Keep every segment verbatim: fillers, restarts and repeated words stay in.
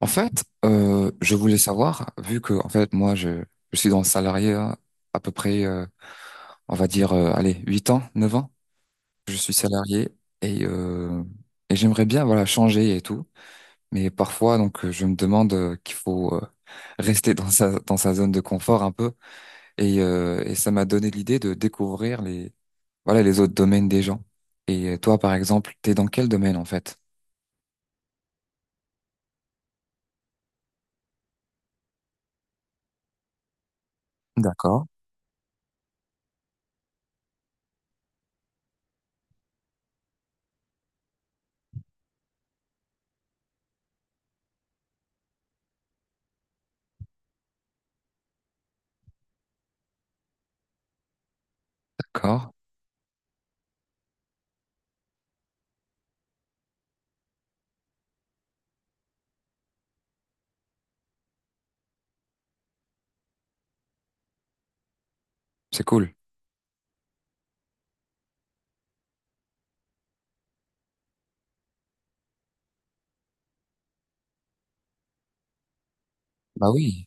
En fait, euh, je voulais savoir, vu que en fait moi je, je suis dans le salarié hein, à peu près, euh, on va dire, euh, allez, huit ans, neuf ans, je suis salarié et euh, et j'aimerais bien voilà changer et tout, mais parfois donc euh, je me demande euh, qu'il faut euh, rester dans sa dans sa zone de confort un peu et euh, et ça m'a donné l'idée de découvrir les voilà les autres domaines des gens. Et toi par exemple, t'es dans quel domaine en fait? D'accord. D'accord, c'est cool. Bah oui.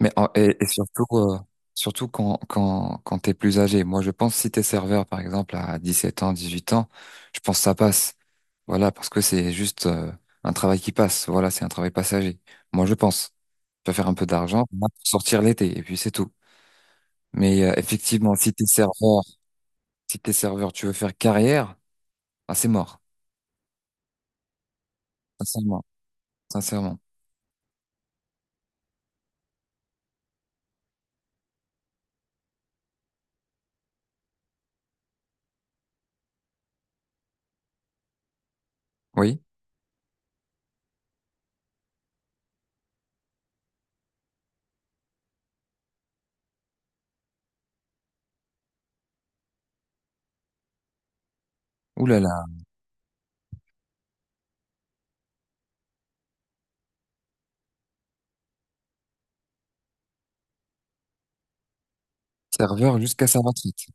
Mais en- et, et surtout, euh, surtout quand, quand, quand t'es plus âgé. Moi, je pense si t'es serveur, par exemple, à dix-sept ans, dix-huit ans, je pense que ça passe. Voilà, parce que c'est juste euh, un travail qui passe. Voilà, c'est un travail passager. Moi, je pense. Tu vas faire un peu d'argent pour sortir l'été, et puis c'est tout. Mais euh, effectivement, si t'es serveur, si t'es serveur, tu veux faire carrière, ah, c'est mort. Sincèrement. Sincèrement. Oui. Ouh là là. Serveur jusqu'à sa retraite.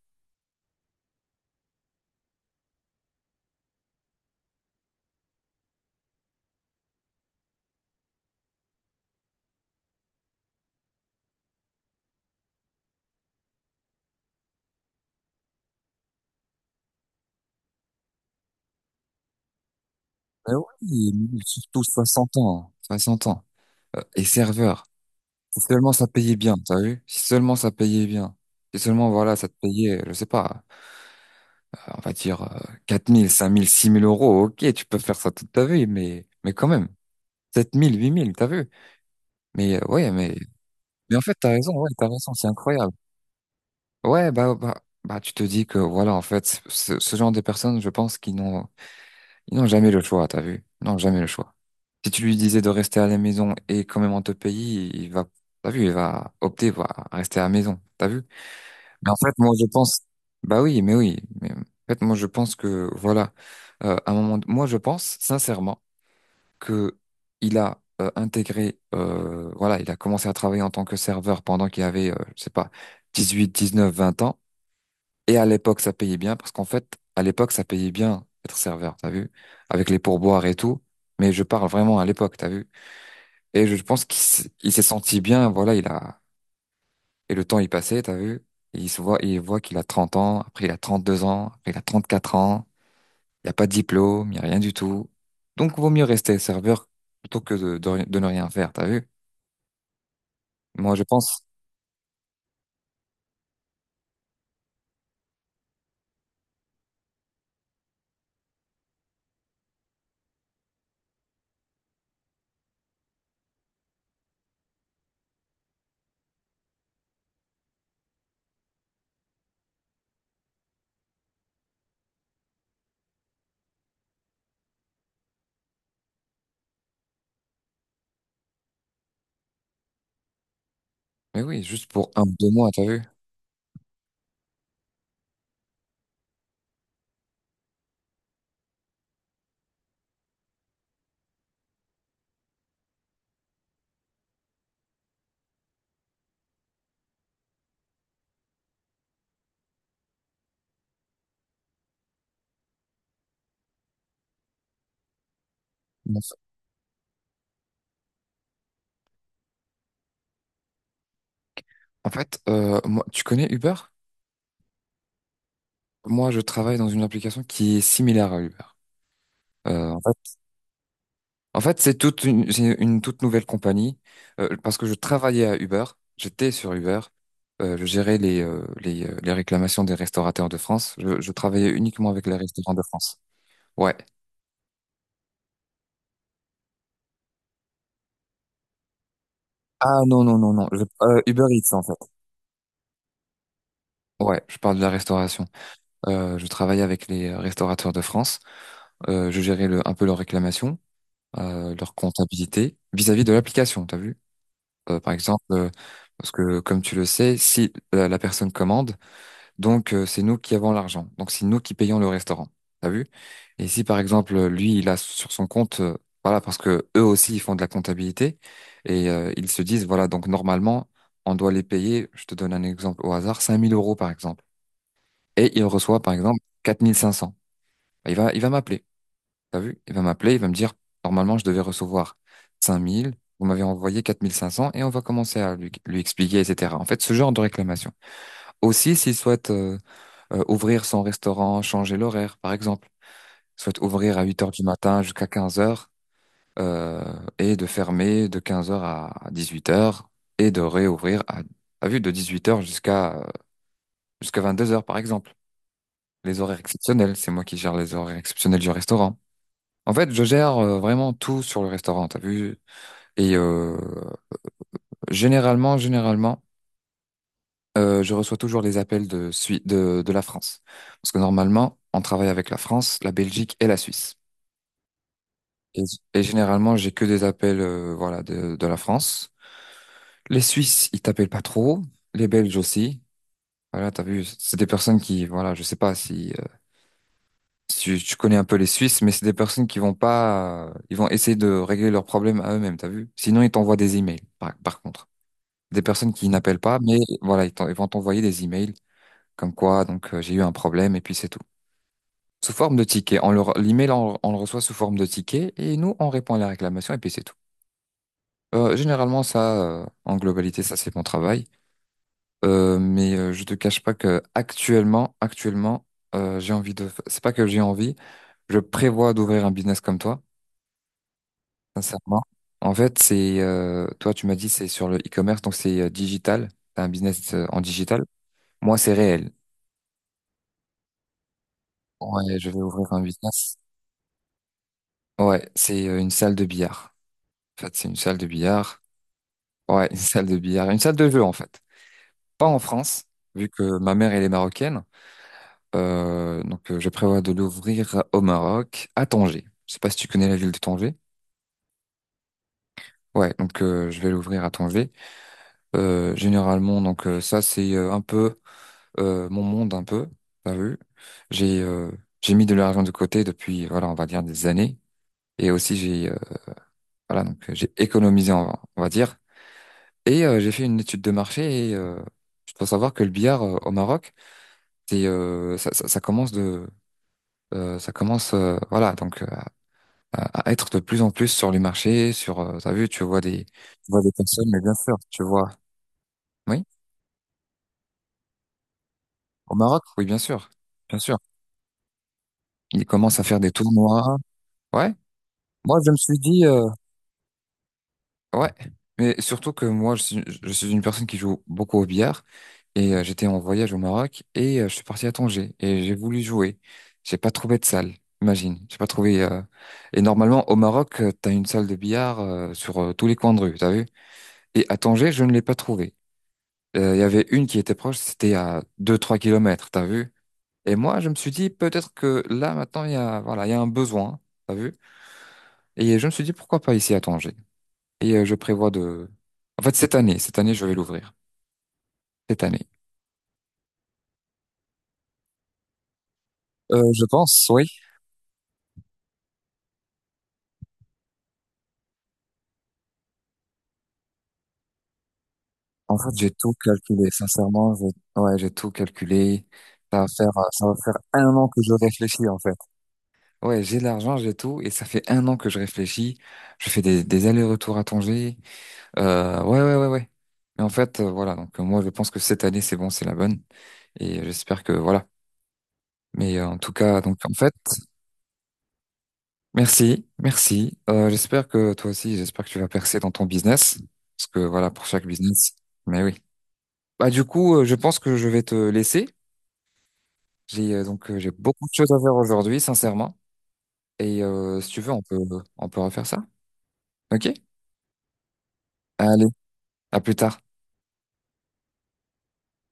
Ben oui, surtout soixante ans. soixante ans. Euh, et serveur. Si seulement ça payait bien, t'as vu? Si seulement ça payait bien. Si seulement, voilà, ça te payait, je sais pas, euh, on va dire euh, quatre mille, cinq mille, six mille euros, ok, tu peux faire ça toute ta vie, mais, mais quand même, sept mille, huit mille, t'as vu? Mais euh, ouais, mais, mais en fait, t'as raison, ouais, t'as raison, c'est incroyable. Ouais, bah, bah, bah, tu te dis que, voilà, en fait, ce, ce genre de personnes, je pense qu'ils n'ont, ils n'ont jamais le choix, t'as vu? Ils n'ont jamais le choix. Si tu lui disais de rester à la maison et quand même on te paye, il va, t'as vu, il va opter pour rester à la maison, t'as vu? Mais en fait, moi, je pense, bah oui, mais oui, mais en fait, moi, je pense que, voilà, euh, à un moment, de- moi, je pense sincèrement que il a euh, intégré, euh, voilà, il a commencé à travailler en tant que serveur pendant qu'il avait, euh, je sais pas, dix-huit, dix-neuf, vingt ans. Et à l'époque, ça payait bien parce qu'en fait, à l'époque, ça payait bien être serveur, t'as vu, avec les pourboires et tout. Mais je parle vraiment à l'époque, t'as vu. Et je pense qu'il s- il s'est senti bien, voilà, il a, et le temps, il passait, t'as vu? Et il se voit, il voit qu'il a trente ans, après il a trente-deux ans, après il a trente-quatre ans, il n'y a pas de diplôme, il n'y a rien du tout. Donc, vaut mieux rester serveur plutôt que de, de, de ne rien faire, t'as vu? Moi, je pense, mais oui, juste pour un ou deux mois, t'as vu? Bon, En fait, euh, moi, tu connais Uber? Moi, je travaille dans une application qui est similaire à Uber. Euh, en fait, En fait, c'est toute une, c'est une toute nouvelle compagnie euh, parce que je travaillais à Uber, j'étais sur Uber, euh, je gérais les, euh, les, euh, les réclamations des restaurateurs de France. Je, je travaillais uniquement avec les restaurants de France. Ouais. Ah non, non, non, non. je- euh, Uber Eats en fait. Ouais, je parle de la restauration. Euh, je travaillais avec les euh, restaurateurs de France. Euh, je gérais le, un peu leurs réclamations, euh, leur comptabilité vis-à-vis de l'application, t'as vu? Euh, par exemple, euh, parce que comme tu le sais, si la, la personne commande, Donc, euh, c'est nous qui avons l'argent. Donc, c'est nous qui payons le restaurant. T'as vu? Et si, par exemple, lui, il a sur son compte, euh, voilà, parce que eux aussi, ils font de la comptabilité et euh, ils se disent, voilà, donc normalement, on doit les payer, je te donne un exemple au hasard, cinq mille euros, par exemple. Et il reçoit, par exemple, quatre mille cinq cents. Il va, il va m'appeler. T'as vu? Il va m'appeler, il va me dire, normalement, je devais recevoir cinq mille Vous m'avez envoyé quatre mille cinq cents et on va commencer à lui, lui expliquer, et cetera. En fait, ce genre de réclamation. Aussi, s'il souhaite euh, euh, ouvrir son restaurant, changer l'horaire, par exemple. Soit ouvrir à huit heures du matin jusqu'à quinze heures euh, et de fermer de quinze heures à dix-huit heures et de réouvrir à, à vue de dix-huit heures jusqu'à euh, jusqu'à deux heures, par exemple. Les horaires exceptionnels, c'est moi qui gère les horaires exceptionnels du restaurant. En fait, je gère euh, vraiment tout sur le restaurant, t'as vu? Et euh, généralement, généralement, euh, je reçois toujours les appels de, Sui- de, de la France. Parce que normalement, on travaille avec la France, la Belgique et la Suisse. Et, et généralement, j'ai que des appels, euh, voilà, de, de la France. Les Suisses, ils t'appellent pas trop. Les Belges aussi. Voilà, t'as vu, c'est des personnes qui, voilà, je sais pas si, euh, si tu, tu connais un peu les Suisses, mais c'est des personnes qui vont pas, euh, ils vont essayer de régler leurs problèmes à eux-mêmes, t'as vu? Sinon, ils t'envoient des emails, par, par contre. Des personnes qui n'appellent pas, mais voilà, ils, t'en- ils vont t'envoyer des emails comme quoi, donc, euh, j'ai eu un problème et puis c'est tout. Sous forme de ticket. On leur, l'email, on, on le reçoit sous forme de ticket et nous, on répond à la réclamation et puis c'est tout. Euh, généralement, ça, euh, en globalité, ça c'est mon travail. Euh, mais euh, je te cache pas que actuellement, actuellement, euh, j'ai envie de. C'est pas que j'ai envie. Je prévois d'ouvrir un business comme toi, sincèrement. En fait, c'est euh, toi, tu m'as dit, c'est sur le e-commerce, donc c'est euh, digital. C'est un business euh, en digital. Moi, c'est réel. Ouais, je vais ouvrir un business. Ouais, c'est euh, une salle de billard. En fait, c'est une salle de billard. Ouais, une salle de billard, une salle de jeu en fait. Pas en France, vu que ma mère elle est marocaine. Euh, donc, euh, je prévois de l'ouvrir au Maroc, à Tanger. Je sais pas si tu connais la ville de Tanger. Ouais, donc euh, je vais l'ouvrir à Tanger. Euh, généralement, donc euh, ça c'est euh, un peu euh, mon monde un peu. T'as vu? J'ai euh, j'ai mis de l'argent de côté depuis voilà on va dire des années et aussi j'ai euh, voilà donc euh, j'ai économisé on va, on va dire et euh, j'ai fait une étude de marché et euh, je dois savoir que le billard euh, au Maroc c'est euh, ça, ça, ça commence de euh, ça commence euh, voilà donc euh, à à être de plus en plus sur les marchés, sur, euh, t'as vu, tu vois des, tu vois des personnes, mais bien sûr, tu vois, oui, au Maroc, oui, bien sûr, bien sûr. Ils commencent à faire des tournois, ouais. Moi, je me suis dit, euh, ouais, mais surtout que moi, je suis, je suis une personne qui joue beaucoup au billard et euh, j'étais en voyage au Maroc et euh, je suis parti à Tanger et j'ai voulu jouer. J'ai pas trouvé de salle, imagine, j'ai pas trouvé. euh, Et normalement, au Maroc, euh, t'as une salle de billard euh, sur euh, tous les coins de rue, t'as vu? Et à Tanger, je ne l'ai pas trouvé. Euh, Il y avait une qui était proche, c'était à deux-trois kilomètres, t'as vu? Et moi, je me suis dit, peut-être que là, maintenant, il y a, voilà, il y a un besoin, t'as vu? Et je me suis dit, pourquoi pas ici à Tanger? Et euh, je prévois de... En fait, cette année, cette année, je vais l'ouvrir. Cette année. Euh, je pense, oui. En fait, j'ai tout calculé, sincèrement. j'ai- Ouais, j'ai tout calculé. Ça va faire, euh, ça va faire un an que je réfléchis, en fait. Ouais, j'ai l'argent, j'ai tout, et ça fait un an que je réfléchis. Je fais des, des allers-retours à Tanger. Euh, ouais, ouais, ouais, ouais. Mais en fait, euh, voilà, donc euh, moi je pense que cette année c'est bon, c'est la bonne. Et euh, j'espère que voilà. Mais euh, en tout cas, donc en fait, merci, merci. Euh, j'espère que toi aussi, j'espère que tu vas percer dans ton business. Parce que voilà, pour chaque business. Mais oui. Bah du coup, euh, je pense que je vais te laisser. J'ai euh, donc euh, j'ai beaucoup de choses à faire aujourd'hui, sincèrement. Et euh, si tu veux, on peut on peut refaire ça. Ok? Allez, à plus tard.